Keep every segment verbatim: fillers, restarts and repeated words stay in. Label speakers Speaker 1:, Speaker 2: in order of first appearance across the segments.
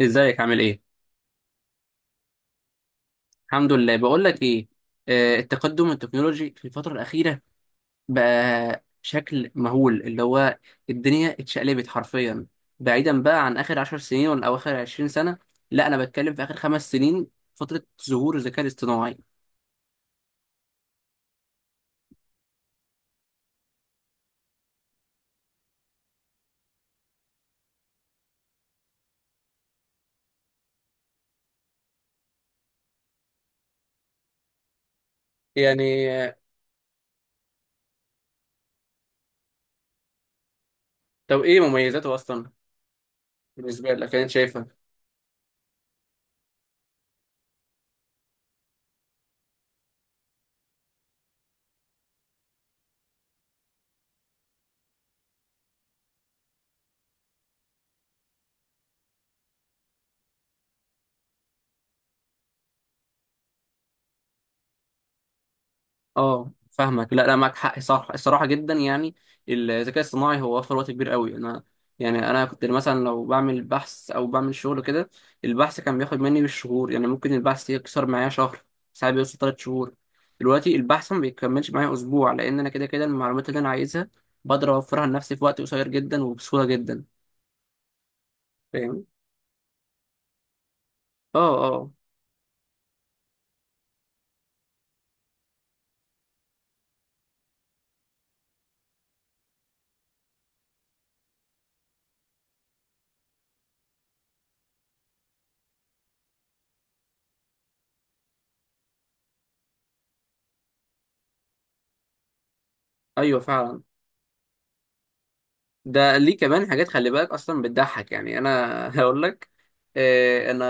Speaker 1: ازيك عامل ايه؟ الحمد لله، بقول لك ايه. آه، التقدم التكنولوجي في الفترة الأخيرة بقى شكل مهول، اللي هو الدنيا اتشقلبت حرفيا. بعيدا بقى عن آخر عشر سنين ولا أو آخر عشرين سنة، لا أنا بتكلم في آخر خمس سنين، فترة ظهور الذكاء الاصطناعي. يعني آه، طب ايه مميزاته أصلا بالنسبة لك، يعني أنت شايفها؟ اه فاهمك، لا لا، معاك حق صح الصراحه، جدا يعني. الذكاء الصناعي هو وفر وقت كبير قوي. انا يعني انا كنت مثلا لو بعمل بحث او بعمل شغل كده، البحث كان بياخد مني بالشهور، يعني ممكن البحث يكسر معايا شهر، ساعات بيوصل ثلاث شهور. دلوقتي البحث ما بيكملش معايا اسبوع، لان انا كده كده المعلومات اللي انا عايزها بقدر اوفرها لنفسي في وقت قصير جدا وبسهوله جدا. فاهم. اه اه. ايوه فعلا. ده ليه كمان حاجات، خلي بالك اصلا بتضحك، يعني انا هقول لك. آه، انا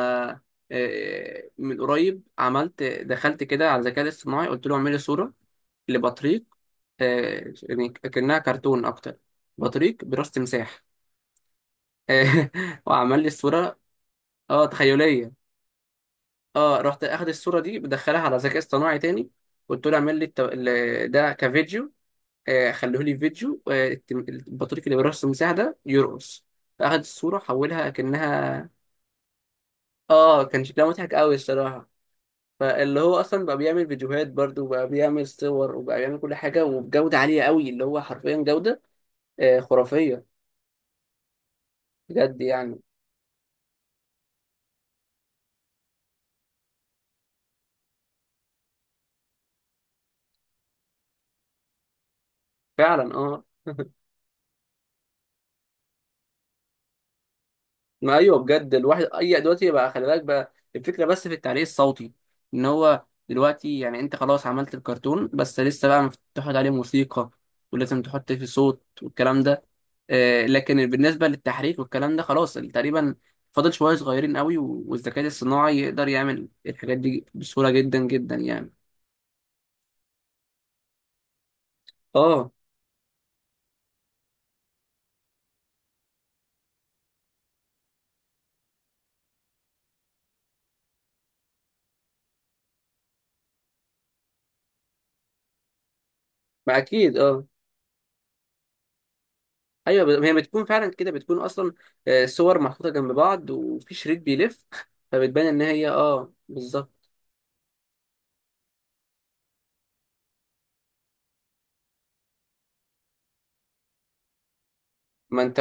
Speaker 1: آه، من قريب عملت، دخلت كده على الذكاء الاصطناعي قلت له اعمل لي صوره لبطريق، آه، يعني كأنها كرتون اكتر، بطريق براس تمساح. آه، وعمل لي الصوره. اه تخيليه. اه رحت اخد الصوره دي بدخلها على ذكاء اصطناعي تاني، قلت له اعمل لي الت- ال- ده كفيديو. آه، خلوه لي فيديو، آه، الت- البطريق اللي برأس المساحة ده يرقص. فأخد الصورة حولها كأنها، آه كان شكلها مضحك أوي الصراحة. فاللي هو أصلا بقى بيعمل فيديوهات برضه، وبقى بيعمل صور، وبقى بيعمل كل حاجة وبجودة عالية أوي، اللي هو حرفيا جودة آه، خرافية، بجد يعني. فعلا آه ما ايوه، بجد. الواحد اي دلوقتي بقى، خلي بالك بقى، الفكره بس في التعليق الصوتي. ان هو دلوقتي يعني انت خلاص عملت الكرتون، بس لسه بقى مف- تحط عليه موسيقى، ولازم تحط فيه صوت والكلام ده. آه، لكن بالنسبه للتحريك والكلام ده خلاص تقريبا، فاضل شويه صغيرين قوي، و- والذكاء الصناعي يقدر يعمل الحاجات دي بسهوله جدا جدا يعني. اه ما اكيد اه. ايوه، ب- هي بتكون فعلا كده، بتكون اصلا آه، صور محطوطه جنب بعض وفي شريط بيلف فبتبان ان هي اه بالظبط. ما انت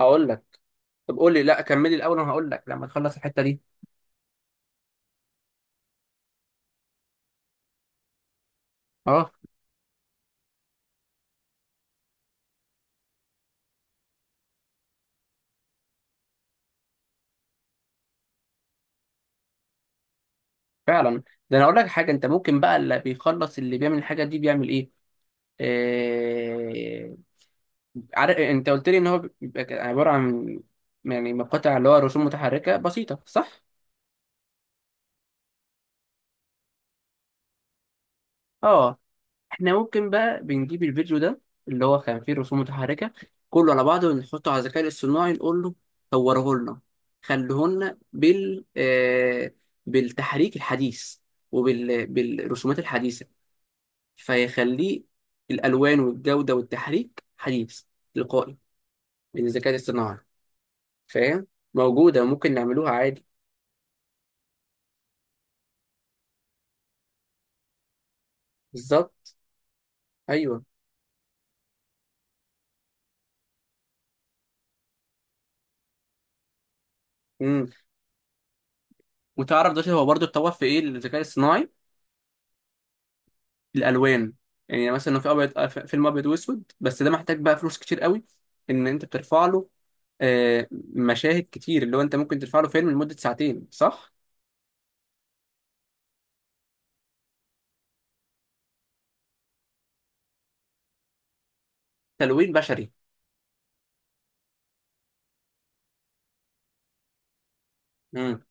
Speaker 1: هقول لك، طب قول لي، لا كملي الاول وانا هقول لك لما تخلص الحته دي. اه فعلا. ده انا اقول لك حاجه، انت ممكن بقى اللي بيخلص اللي بيعمل الحاجه دي بيعمل ايه. آه... عارف انت قلت لي ان هو بيبقى عباره عن، يعني مقاطع اللي هو رسوم متحركه بسيطه، صح؟ اه احنا ممكن بقى بنجيب الفيديو ده اللي هو كان فيه رسوم متحركة، كله على بعضه، ونحطه على الذكاء الاصطناعي نقول له صوره لنا، خليه لنا بال آه بالتحريك الحديث، وبال بالرسومات الحديثة. فيخليه الألوان والجودة والتحريك حديث، تلقائي، من الذكاء الاصطناعي. فاهم. موجودة، ممكن نعملوها عادي. بالظبط، أيوه. امم. وتعرف دلوقتي هو برضه اتطور في إيه الذكاء الاصطناعي؟ الالوان. يعني مثلا لو في ابيض، آه، فيلم ابيض واسود، بس ده محتاج بقى فلوس كتير قوي، ان انت بترفع له آه، مشاهد كتير، اللي هو انت ممكن ترفع له فيلم لمده ساعتين، صح؟ تلوين بشري. مم.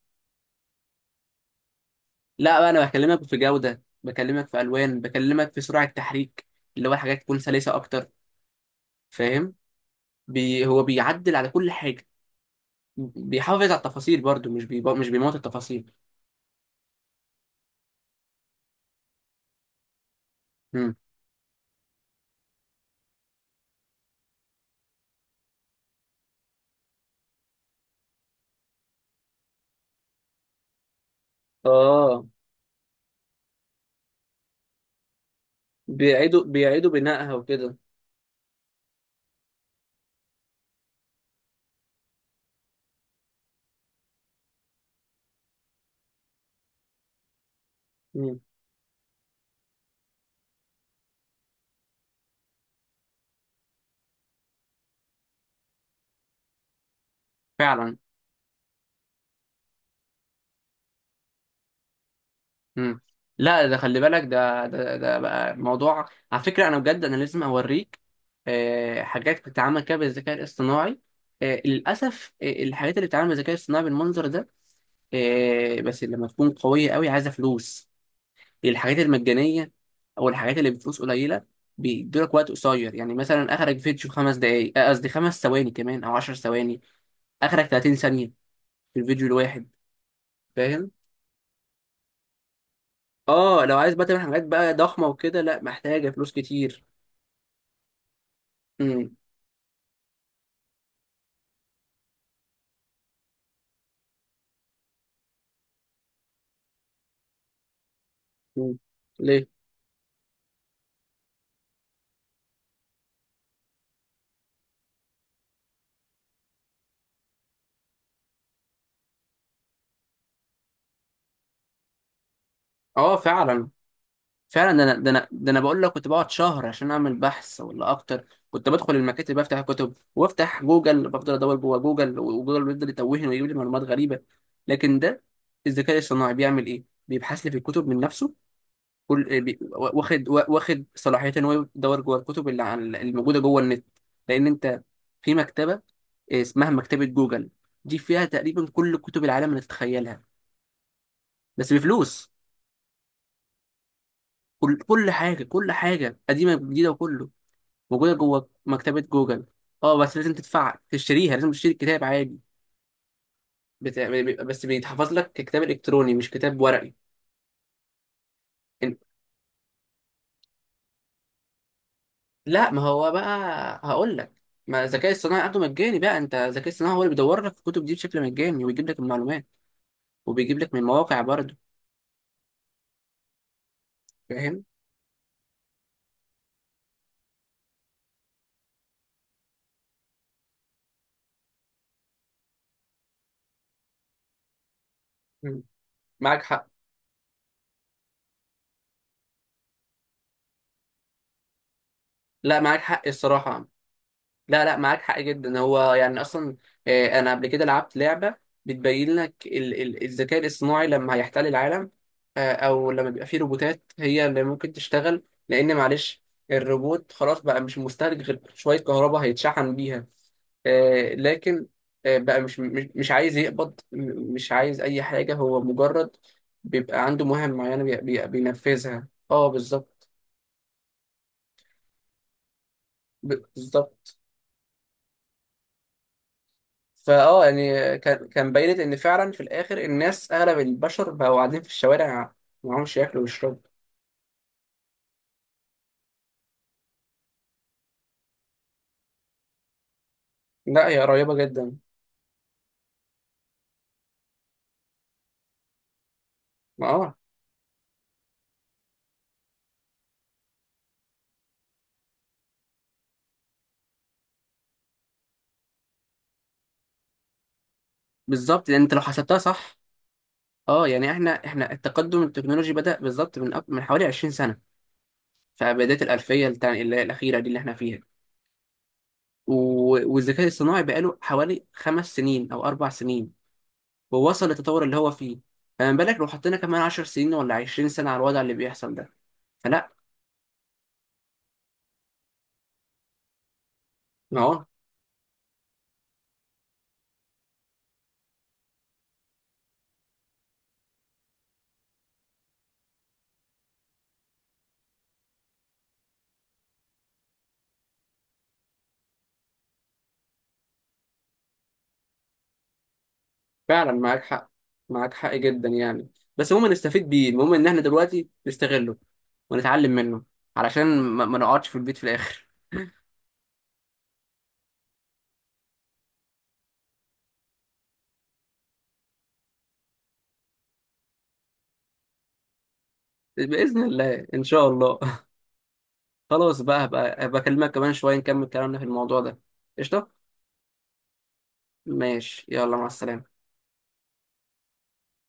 Speaker 1: لا بقى، انا بكلمك في جوده، بكلمك في الوان، بكلمك في سرعه تحريك، اللي هو حاجات تكون سلسه اكتر. فاهم. بي هو بيعدل على كل حاجه، بيحافظ على التفاصيل برضو، مش بي... مش بيموت التفاصيل. مم. اه. بيعيدوا بيعيدوا بنائها وكده. مم. فعلا. مم. لا ده، خلي بالك، ده ده ده بقى موضوع على فكرة، أنا بجد أنا لازم أوريك آه، حاجات بتتعمل كده بالذكاء الاصطناعي. آه، للأسف آه، الحاجات اللي بتتعمل بالذكاء الاصطناعي بالمنظر ده، آه، بس لما تكون قوية قوي، عايزة فلوس. الحاجات المجانية أو الحاجات اللي بفلوس قليلة بيدولك وقت قصير، يعني مثلا أخرج فيديو خمس دقايق، آه، قصدي خمس ثواني كمان أو عشر ثواني، أخرج ثلاثين ثانية في الفيديو الواحد. فاهم؟ اه لو عايز بقى تعمل حاجات بقى ضخمة وكده، لا محتاجة فلوس كتير. امم. أمم. ليه. اه فعلا. فعلا، ده انا ده انا ده انا بقول لك، كنت بقعد شهر عشان اعمل بحث ولا اكتر، كنت بدخل المكاتب بفتح كتب، وافتح جوجل بفضل ادور جوه جوجل، وجوجل بيفضل يتوهني ويجيب لي معلومات غريبه. لكن ده الذكاء الاصطناعي بيعمل ايه؟ بيبحث لي في الكتب من نفسه، كل آه، بي- واخد، واخد صلاحيه ان هو يدور جوه الكتب اللي عن- الموجوده جوه النت. لان انت في مكتبه اسمها مكتبه جوجل، دي فيها تقريبا كل كتب العالم اللي تتخيلها، بس بفلوس. كل كل حاجة، كل حاجة قديمة جديدة، وكله موجودة جوه مكتبة جوجل. اه بس لازم تدفع تشتريها، لازم تشتري الكتاب عادي. بت... بس بيتحفظ لك ككتاب إلكتروني مش كتاب ورقي. إن- لا ما هو بقى، هقول لك، ما الذكاء الصناعي عنده مجاني بقى، انت الذكاء الصناعي هو اللي بيدور لك الكتب دي بشكل مجاني، ويجيب لك المعلومات، وبيجيب لك من مواقع برضه. فاهم. مم. معاك حق. لا معاك حق الصراحة. لا لا، معاك حق جدا، هو يعني اصلا، آه، انا قبل كده لعبت لعبه بتبين لك ال- ال- الذكاء الاصطناعي لما هيحتل العالم، آه، او لما بيبقى فيه روبوتات هي اللي ممكن تشتغل. لان معلش، الروبوت خلاص بقى مش مستهلك غير شويه كهرباء هيتشحن بيها. آه، لكن آه، بقى مش مش مش عايز يقبض، م- مش عايز اي حاجه، هو مجرد بيبقى عنده مهام معينه بي- بي- بينفذها. اه بالظبط. ب- بالظبط. فاه يعني كان كان بينت ان فعلا في الاخر الناس، اغلب البشر بقوا قاعدين في الشوارع معهمش ياكلوا ويشربوا. لا هي قريبه جدا. ما اه. بالظبط، لان انت لو حسبتها صح. اه يعني احنا احنا التقدم التكنولوجي بدأ بالظبط من أك- من حوالي عشرين سنه، في بدايه الالفيه التع- اللي هي الاخيره دي اللي احنا فيها. و- والذكاء الصناعي بقاله حوالي خمس سنين او اربع سنين، ووصل للتطور اللي هو فيه. فما بالك لو حطينا كمان عشر سنين ولا عشرين سنه على الوضع اللي بيحصل ده؟ فلا. اه فعلا معاك حق، معاك حق جدا يعني. بس المهم نستفيد بيه، المهم ان احنا دلوقتي نستغله ونتعلم منه، علشان ما ما نقعدش في البيت في الاخر. باذن الله ان شاء الله. خلاص بقى، هبقى هبقى اكلمك كمان شويه نكمل كلامنا في الموضوع ده. قشطه. ماشي، يلا مع السلامه.